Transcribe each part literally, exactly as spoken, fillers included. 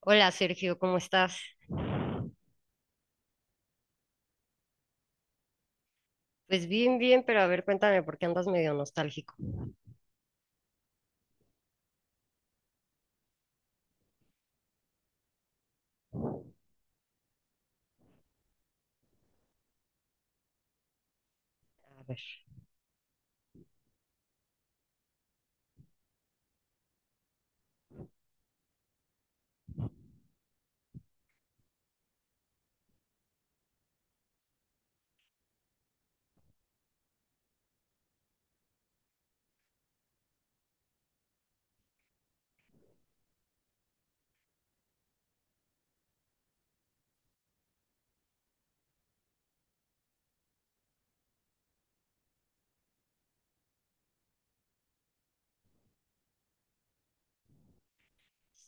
Hola, Sergio, ¿cómo estás? Pues bien, bien, pero a ver, cuéntame por qué andas medio nostálgico. A ver.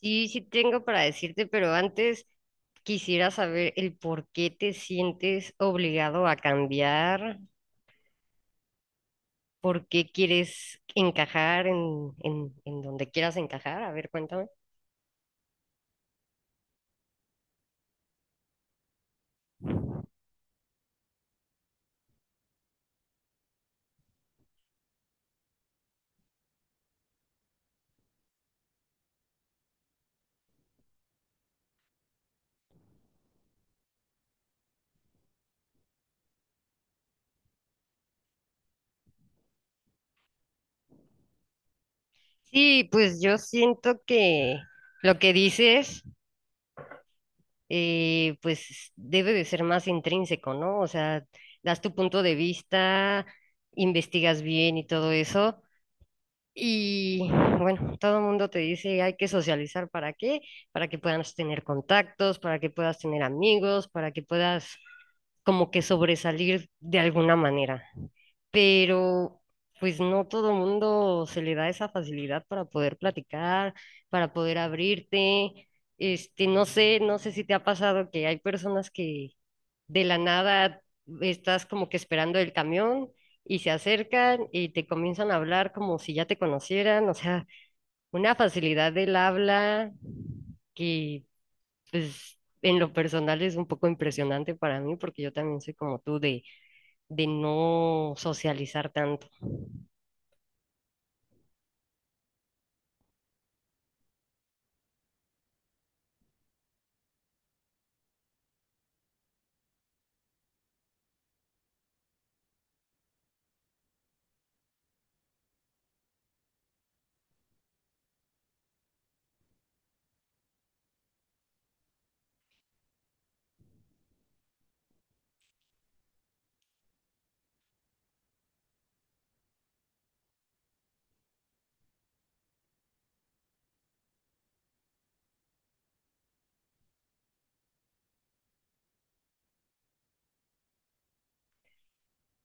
Sí, sí tengo para decirte, pero antes quisiera saber el por qué te sientes obligado a cambiar, por qué quieres encajar en, en, en donde quieras encajar. A ver, cuéntame. Sí, pues yo siento que lo que dices eh, pues debe de ser más intrínseco, ¿no? O sea, das tu punto de vista, investigas bien y todo eso. Y bueno, todo el mundo te dice, hay que socializar para qué, para que puedas tener contactos, para que puedas tener amigos, para que puedas como que sobresalir de alguna manera, pero pues no todo mundo se le da esa facilidad para poder platicar, para poder abrirte. Este, no sé, no sé si te ha pasado que hay personas que de la nada estás como que esperando el camión y se acercan y te comienzan a hablar como si ya te conocieran, o sea, una facilidad del habla que pues en lo personal es un poco impresionante para mí porque yo también soy como tú de, de no socializar tanto.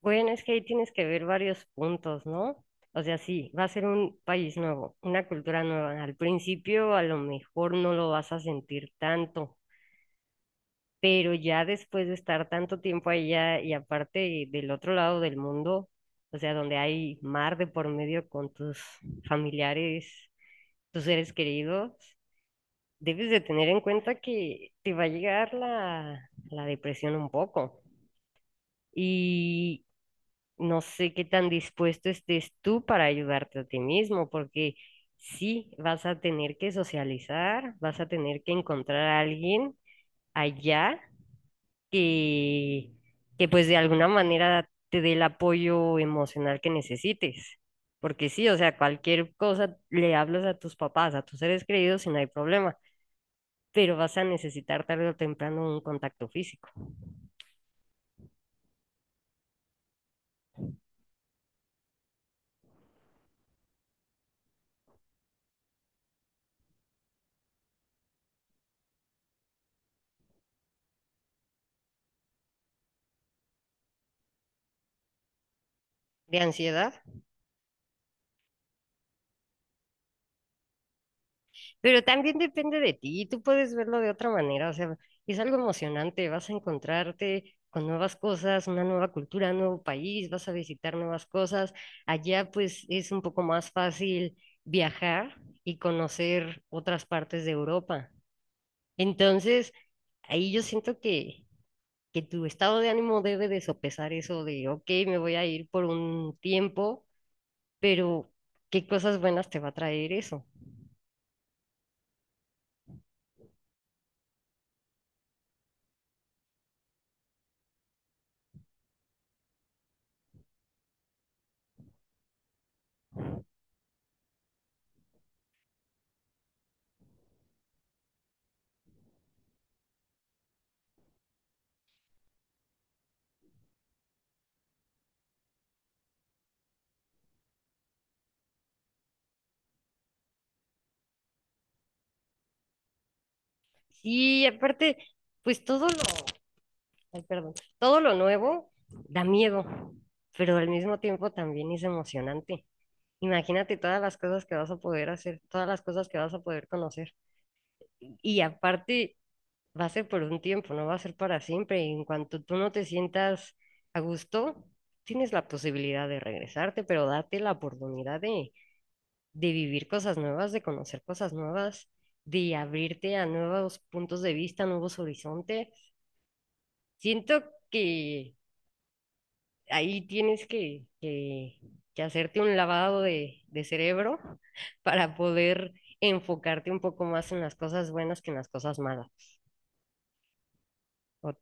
Bueno, es que ahí tienes que ver varios puntos, ¿no? O sea, sí, va a ser un país nuevo, una cultura nueva. Al principio a lo mejor no lo vas a sentir tanto, pero ya después de estar tanto tiempo allá y aparte del otro lado del mundo, o sea, donde hay mar de por medio con tus familiares, tus seres queridos, debes de tener en cuenta que te va a llegar la, la depresión un poco. No sé qué tan dispuesto estés tú para ayudarte a ti mismo, porque sí, vas a tener que socializar, vas a tener que encontrar a alguien allá que, que pues de alguna manera te dé el apoyo emocional que necesites. Porque sí, o sea, cualquier cosa le hablas a tus papás, a tus seres queridos y no hay problema, pero vas a necesitar tarde o temprano un contacto físico. ¿De ansiedad? Pero también depende de ti, tú puedes verlo de otra manera, o sea, es algo emocionante, vas a encontrarte con nuevas cosas, una nueva cultura, un nuevo país, vas a visitar nuevas cosas. Allá pues es un poco más fácil viajar y conocer otras partes de Europa. Entonces, ahí yo siento que, que tu estado de ánimo debe de sopesar eso de, ok, me voy a ir por un tiempo, pero ¿qué cosas buenas te va a traer eso? Y aparte, pues todo lo... Ay, perdón. Todo lo nuevo da miedo, pero al mismo tiempo también es emocionante. Imagínate todas las cosas que vas a poder hacer, todas las cosas que vas a poder conocer. Y aparte, va a ser por un tiempo, no va a ser para siempre. Y en cuanto tú no te sientas a gusto, tienes la posibilidad de regresarte, pero date la oportunidad de, de vivir cosas nuevas, de conocer cosas nuevas, de abrirte a nuevos puntos de vista, nuevos horizontes. Siento que ahí tienes que, que- que hacerte un lavado de, de cerebro para poder enfocarte un poco más en las cosas buenas que en las cosas malas. O-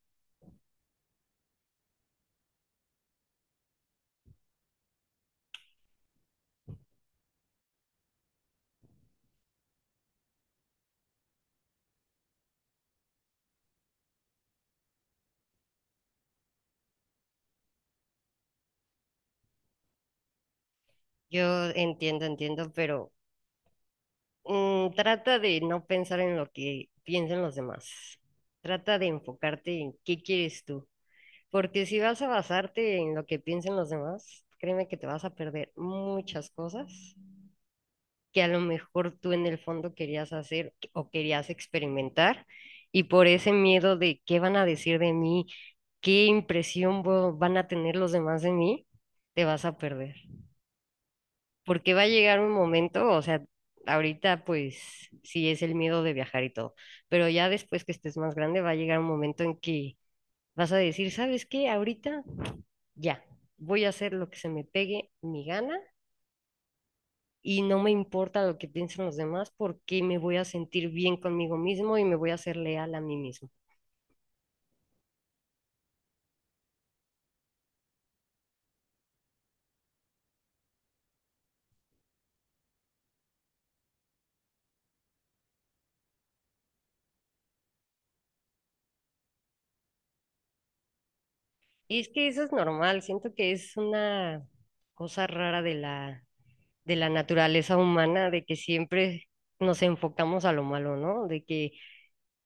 Yo entiendo, entiendo, pero mm, trata de no pensar en lo que piensan los demás. Trata de enfocarte en qué quieres tú. Porque si vas a basarte en lo que piensen los demás, créeme que te vas a perder muchas cosas que a lo mejor tú en el fondo querías hacer o querías experimentar y por ese miedo de qué van a decir de mí, qué impresión vo- van a tener los demás de mí, te vas a perder. Porque va a llegar un momento, o sea, ahorita pues sí es el miedo de viajar y todo, pero ya después que estés más grande va a llegar un momento en que vas a decir, ¿sabes qué? Ahorita ya, voy a hacer lo que se me pegue mi gana y no me importa lo que piensen los demás porque me voy a sentir bien conmigo mismo y me voy a ser leal a mí mismo. Y es que eso es normal, siento que es una cosa rara de la, de la naturaleza humana, de que siempre nos enfocamos a lo malo, ¿no? De que,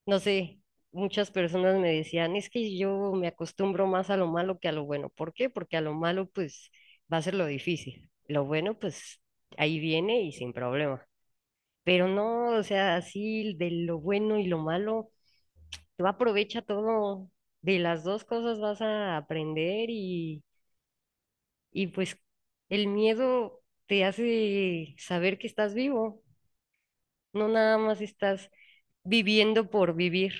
no sé, muchas personas me decían, es que yo me acostumbro más a lo malo que a lo bueno. ¿Por qué? Porque a lo malo pues va a ser lo difícil. Lo bueno pues ahí viene y sin problema. Pero no, o sea, así de lo bueno y lo malo, tú aprovecha todo, de las dos cosas vas a aprender y, y pues el miedo te hace saber que estás vivo, no nada más estás viviendo por vivir.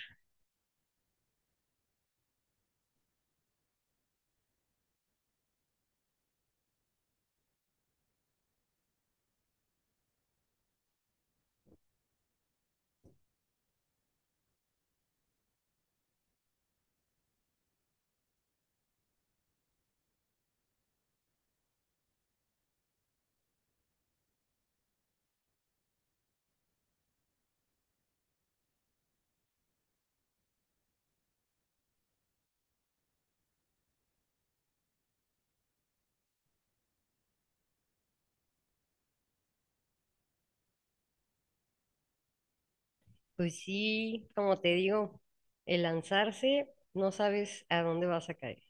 Pues sí, como te digo, el lanzarse no sabes a dónde vas a caer,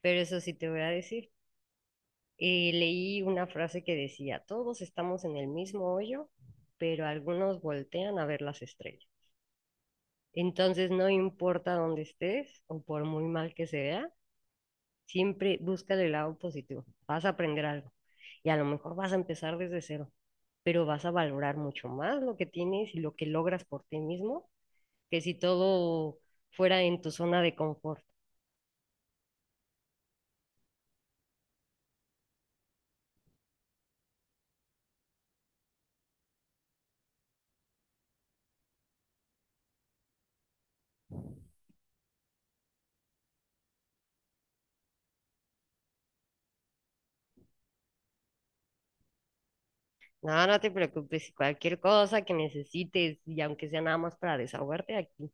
pero eso sí te voy a decir. Eh, leí una frase que decía, todos estamos en el mismo hoyo, pero algunos voltean a ver las estrellas. Entonces, no importa dónde estés o por muy mal que se vea, siempre busca el lado positivo. Vas a aprender algo y a lo mejor vas a empezar desde cero, pero vas a valorar mucho más lo que tienes y lo que logras por ti mismo que si todo fuera en tu zona de confort. No, no te preocupes, si cualquier cosa que necesites y aunque sea nada más para desahogarte, aquí,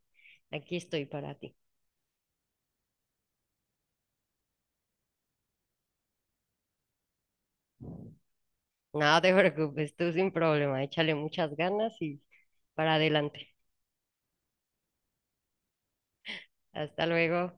aquí estoy para ti. No te preocupes, tú sin problema, échale muchas ganas y para adelante. Hasta luego.